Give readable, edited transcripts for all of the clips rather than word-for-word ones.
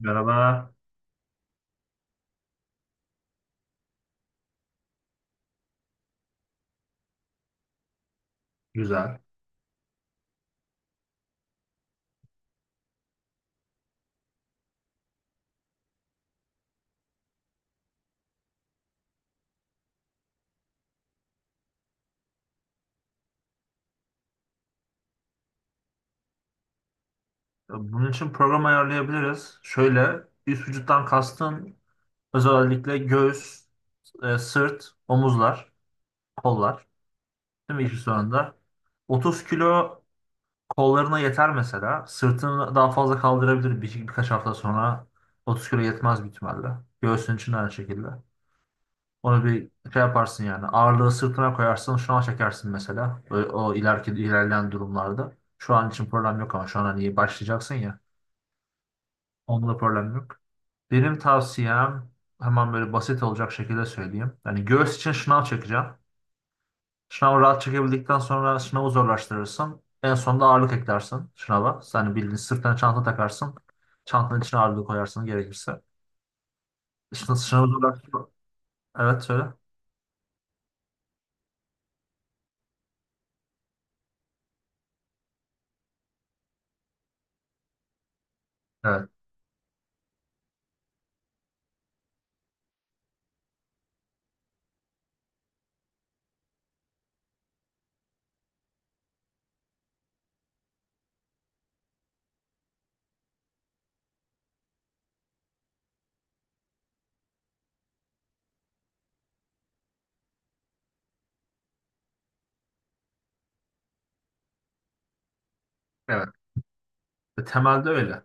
Merhaba. Güzel. Bunun için program ayarlayabiliriz. Şöyle üst vücuttan kastın özellikle göğüs, sırt, omuzlar, kollar. Değil mi işin sonunda? 30 kilo kollarına yeter mesela. Sırtını daha fazla kaldırabilir birkaç hafta sonra. 30 kilo yetmez büyük ihtimalle. Göğsün için de aynı şekilde. Onu bir şey yaparsın yani. Ağırlığı sırtına koyarsın. Şu an çekersin mesela. Böyle o ilerleyen durumlarda. Şu an için problem yok ama şu an hani başlayacaksın ya. Onda problem yok. Benim tavsiyem hemen böyle basit olacak şekilde söyleyeyim. Yani göğüs için şınav çekeceğim. Şınavı rahat çekebildikten sonra şınavı zorlaştırırsın. En sonunda ağırlık eklersin şınava. Yani bildiğin sırtına çanta takarsın. Çantanın içine ağırlık koyarsın gerekirse. Şınavı zorlaştır. Evet, söyle. Evet. Evet. Ve temelde öyle.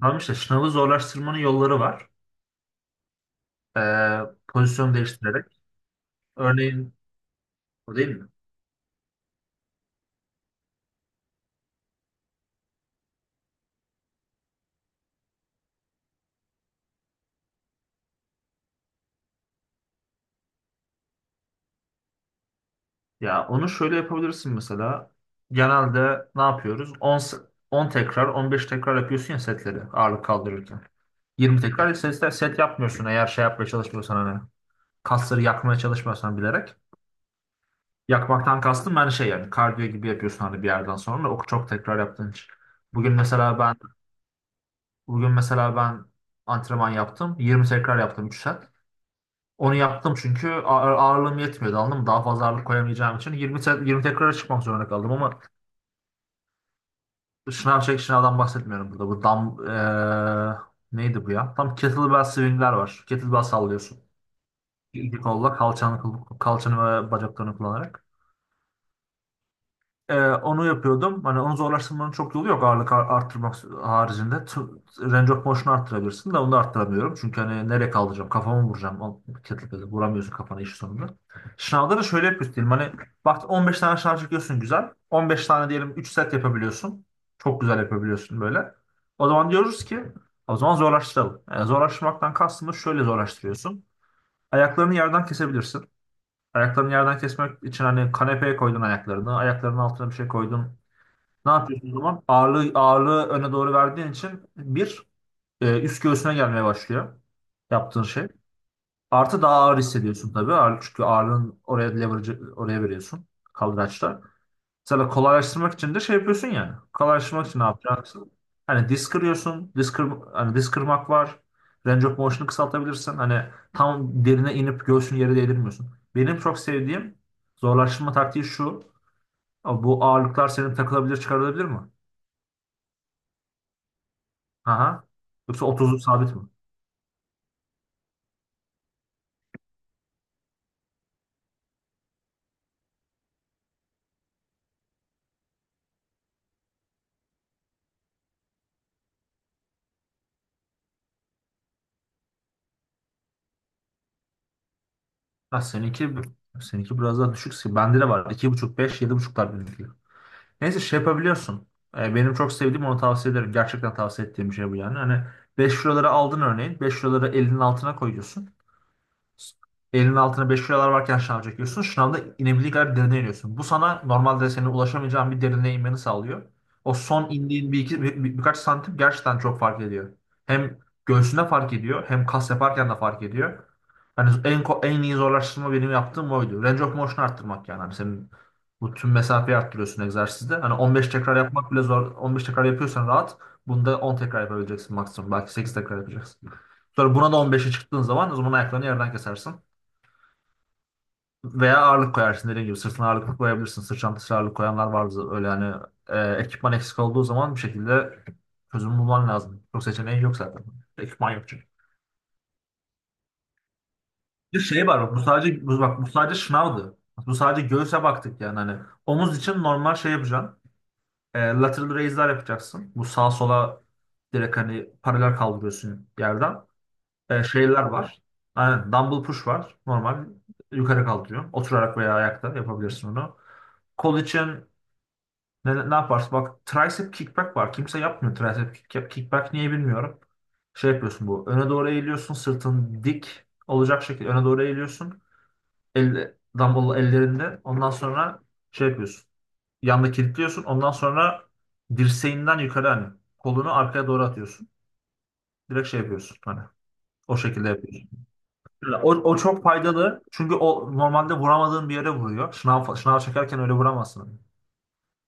Tamam, işte şınavı zorlaştırmanın yolları var. Ee, Pozisyon değiştirerek. Örneğin o değil mi? Ya onu şöyle yapabilirsin mesela. Genelde ne yapıyoruz? 10 tekrar, 15 tekrar yapıyorsun ya setleri ağırlık kaldırırken. 20 tekrar set yapmıyorsun eğer şey yapmaya çalışmıyorsan hani. Kasları yakmaya çalışmıyorsan bilerek. Yakmaktan kastım ben şey yani kardiyo gibi yapıyorsun hani bir yerden sonra o çok tekrar yaptığın için. Bugün mesela ben bugün mesela ben antrenman yaptım. 20 tekrar yaptım 3 set. Onu yaptım çünkü ağırlığım yetmiyordu, anladın mı? Daha fazla ağırlık koyamayacağım için 20 tekrara çıkmak zorunda kaldım ama şınavdan bahsetmiyorum burada. Bu dam neydi bu ya? Tam kettlebell swingler var. Kettlebell sallıyorsun. İki kolla kalçanı ve bacaklarını kullanarak. Onu yapıyordum. Hani onu zorlaştırmanın çok yolu yok ağırlık arttırmak haricinde. Range of motion'u arttırabilirsin de onu da arttıramıyorum. Çünkü hani nereye kaldıracağım? Kafamı vuracağım. O kettlebell'e vuramıyorsun kafana iş sonunda. Şınavda da şöyle yapıyorsun diyelim. Hani bak 15 tane şınav çekiyorsun, güzel. 15 tane diyelim, 3 set yapabiliyorsun. Çok güzel yapabiliyorsun böyle. O zaman diyoruz ki o zaman zorlaştıralım. Yani zorlaştırmaktan kastımız şöyle zorlaştırıyorsun. Ayaklarını yerden kesebilirsin. Ayaklarını yerden kesmek için hani kanepeye koydun ayaklarını. Ayaklarının altına bir şey koydun. Ne yapıyorsun o zaman? Ağırlığı öne doğru verdiğin için bir üst göğsüne gelmeye başlıyor yaptığın şey. Artı daha ağır hissediyorsun tabii. Ağır, çünkü ağırlığın oraya leverage oraya veriyorsun kaldıraçta. Mesela kolaylaştırmak için de şey yapıyorsun yani. Kolaylaştırmak için ne yapacaksın? Hani disk kırıyorsun. Hani disk kırmak var. Range of motion'u kısaltabilirsin. Hani tam derine inip göğsünü yere değdirmiyorsun. Benim çok sevdiğim zorlaştırma taktiği şu. Abi, bu ağırlıklar senin takılabilir çıkarılabilir mi? Aha. Yoksa 30'luk sabit mi? Ha, seninki biraz daha düşük. Bende de var. İki buçuk, beş, yedi buçuklar benimki. Neyse şey yapabiliyorsun. Benim çok sevdiğim onu tavsiye ederim. Gerçekten tavsiye ettiğim bir şey bu yani. Hani 5 liraları aldın örneğin. Beş liraları elinin altına koyuyorsun. Elinin altına 5 kilolar varken şınav çekiyorsun. Şınavda inebildiği kadar derine iniyorsun. Bu sana normalde senin ulaşamayacağın bir derine inmeni sağlıyor. O son indiğin bir iki birkaç santim gerçekten çok fark ediyor. Hem göğsünde fark ediyor, hem kas yaparken de fark ediyor. Hani en iyi zorlaştırma benim yaptığım oydu. Range of motion arttırmak yani. Hani senin bu tüm mesafeyi arttırıyorsun egzersizde. Hani 15 tekrar yapmak bile zor. 15 tekrar yapıyorsan rahat. Bunda 10 tekrar yapabileceksin maksimum. Belki 8 tekrar yapacaksın. Sonra buna da 15'e çıktığın zaman o zaman ayaklarını yerden kesersin. Veya ağırlık koyarsın dediğim gibi. Sırtına ağırlık koyabilirsin. Sırt çantasına ağırlık koyanlar vardı. Öyle yani ekipman eksik olduğu zaman bir şekilde çözüm bulman lazım. Çok seçeneğin yok zaten. Ekipman yok çünkü. Bir şey var bak bu sadece şınavdı. Bu sadece göğüse baktık yani hani omuz için normal şey yapacaksın. Lateral raise'ler yapacaksın. Bu sağa sola direkt hani paralel kaldırıyorsun yerden. Şeyler var. Aynen, dumbbell push var. Normal yukarı kaldırıyorsun. Oturarak veya ayakta yapabilirsin onu. Kol için ne yaparsın? Bak tricep kickback var. Kimse yapmıyor tricep kickback. Niye bilmiyorum. Şey yapıyorsun bu. Öne doğru eğiliyorsun. Sırtın dik olacak şekilde öne doğru eğiliyorsun. Elle, dumbbell ellerinde. Ondan sonra şey yapıyorsun. Yanda kilitliyorsun. Ondan sonra dirseğinden yukarı hani kolunu arkaya doğru atıyorsun. Direkt şey yapıyorsun. Hani o şekilde yapıyorsun. O çok faydalı. Çünkü o normalde vuramadığın bir yere vuruyor. Şınav çekerken öyle vuramazsın.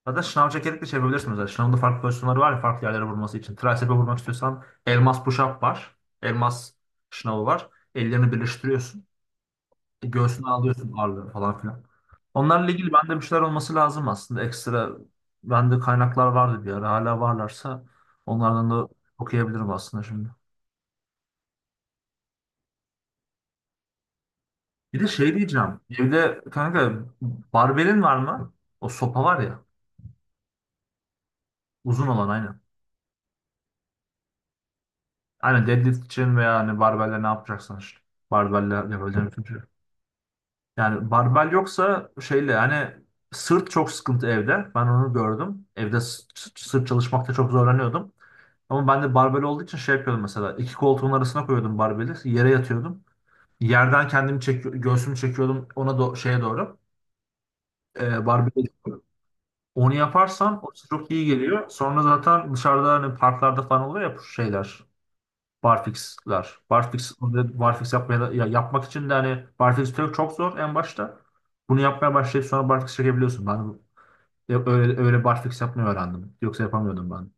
Hatta şınav çekerek de çevirebilirsin mesela. Şınavın da farklı pozisyonları var ya farklı yerlere vurması için. Tricep'e vurmak istiyorsan elmas push-up var. Elmas şınavı var. Ellerini birleştiriyorsun. Göğsüne alıyorsun ağırlığı falan filan. Onlarla ilgili bende bir şeyler olması lazım aslında. Ekstra bende kaynaklar vardı bir ara. Hala varlarsa onlardan da okuyabilirim aslında şimdi. Bir de şey diyeceğim. Evde kanka barbelin var mı? O sopa var ya. Uzun olan aynen. Aynen, deadlift için veya hani barbelle ne yapacaksan işte. Barbelle yapabileceğin bütün şey. Yani barbel yoksa şeyle hani sırt çok sıkıntı evde. Ben onu gördüm. Evde sırt çalışmakta çok zorlanıyordum. Ama ben de barbel olduğu için şey yapıyordum mesela. İki koltuğun arasına koyuyordum barbeli. Yere yatıyordum. Yerden kendimi çekiyor, göğsümü çekiyordum ona şeye doğru. Barbeli. Onu yaparsan o size çok iyi geliyor. Sonra zaten dışarıda hani parklarda falan oluyor ya bu şeyler. Barfix'ler. Barfix yapmaya, ya yapmak için de hani barfix çok, çok zor en başta. Bunu yapmaya başlayıp sonra barfix çekebiliyorsun. Ben de öyle barfix yapmayı öğrendim. Yoksa yapamıyordum ben.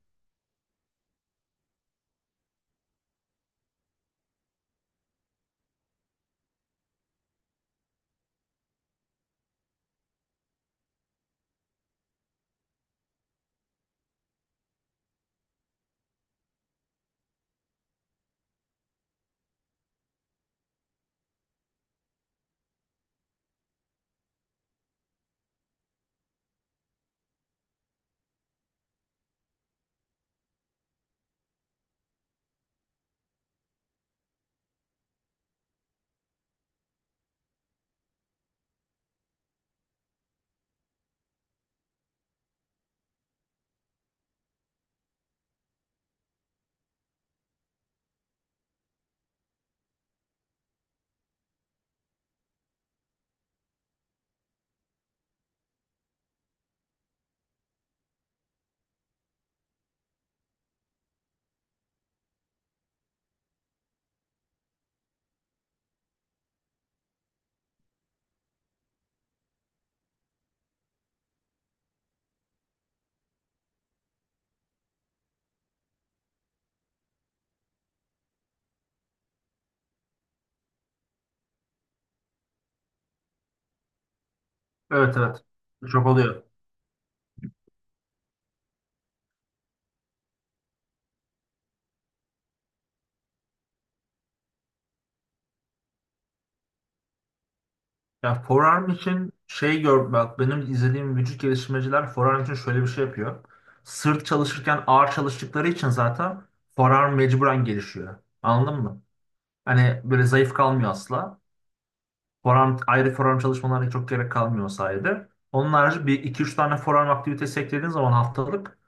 Evet, evet. Çok oluyor. Ya forearm için şey bak benim izlediğim vücut geliştirmeciler forearm için şöyle bir şey yapıyor. Sırt çalışırken ağır çalıştıkları için zaten forearm mecburen gelişiyor. Anladın mı? Hani böyle zayıf kalmıyor asla. Ayrı forum çalışmalarına çok gerek kalmıyor o sayede. Onun harici bir iki üç tane forum aktivitesi eklediğiniz zaman haftalık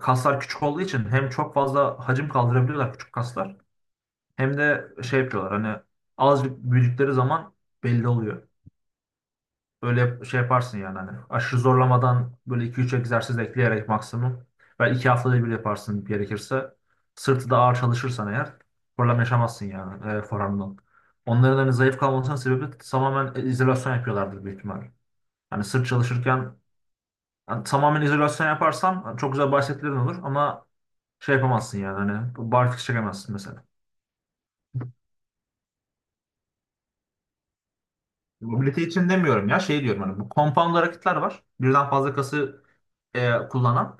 kaslar küçük olduğu için hem çok fazla hacim kaldırabiliyorlar küçük kaslar hem de şey yapıyorlar hani azıcık büyüdükleri zaman belli oluyor. Böyle şey yaparsın yani hani aşırı zorlamadan böyle iki üç egzersiz ekleyerek maksimum. Ve 2 haftada bir yaparsın gerekirse. Sırtı da ağır çalışırsan eğer problem yaşamazsın yani forearmdan. Onların hani zayıf kalmasının sebebi tamamen izolasyon yapıyorlardır büyük ihtimal. Hani sırt çalışırken hani tamamen izolasyon yaparsan hani çok güzel bahsetlerin olur ama şey yapamazsın yani hani barfiks çekemezsin mesela. Mobility için demiyorum ya şey diyorum hani bu compound hareketler var. Birden fazla kası kullanan.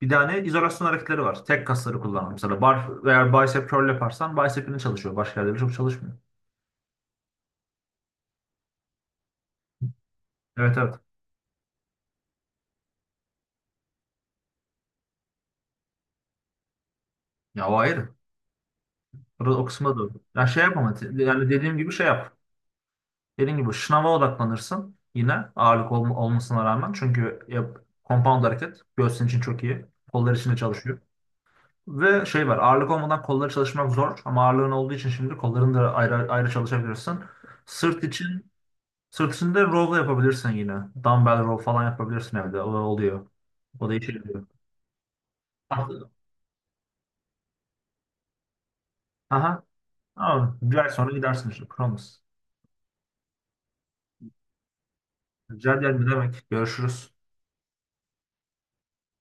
Bir tane izolasyon hareketleri var. Tek kasları kullanan. Mesela eğer bicep curl yaparsan bicep'ini çalışıyor. Başka yerleri çok çalışmıyor. Evet, evet. Ya o ayrı. Orada o kısma doğru. Ya şey yapma. Yani dediğim gibi şey yap. Dediğim gibi şınava odaklanırsın. Yine ağırlık olmasına rağmen. Çünkü compound hareket. Göğsün için çok iyi. Kollar için de çalışıyor. Ve şey var. Ağırlık olmadan kolları çalışmak zor. Ama ağırlığın olduğu için şimdi kollarını da ayrı ayrı çalışabilirsin. Sırt için Sırtında row da yapabilirsin yine. Dumbbell row falan yapabilirsin evde. O oluyor. O da işe yarıyor. Aha. Aha. Tamam. Bir ay sonra gidersin işte. Promise. Rica ederim, ne demek. Görüşürüz.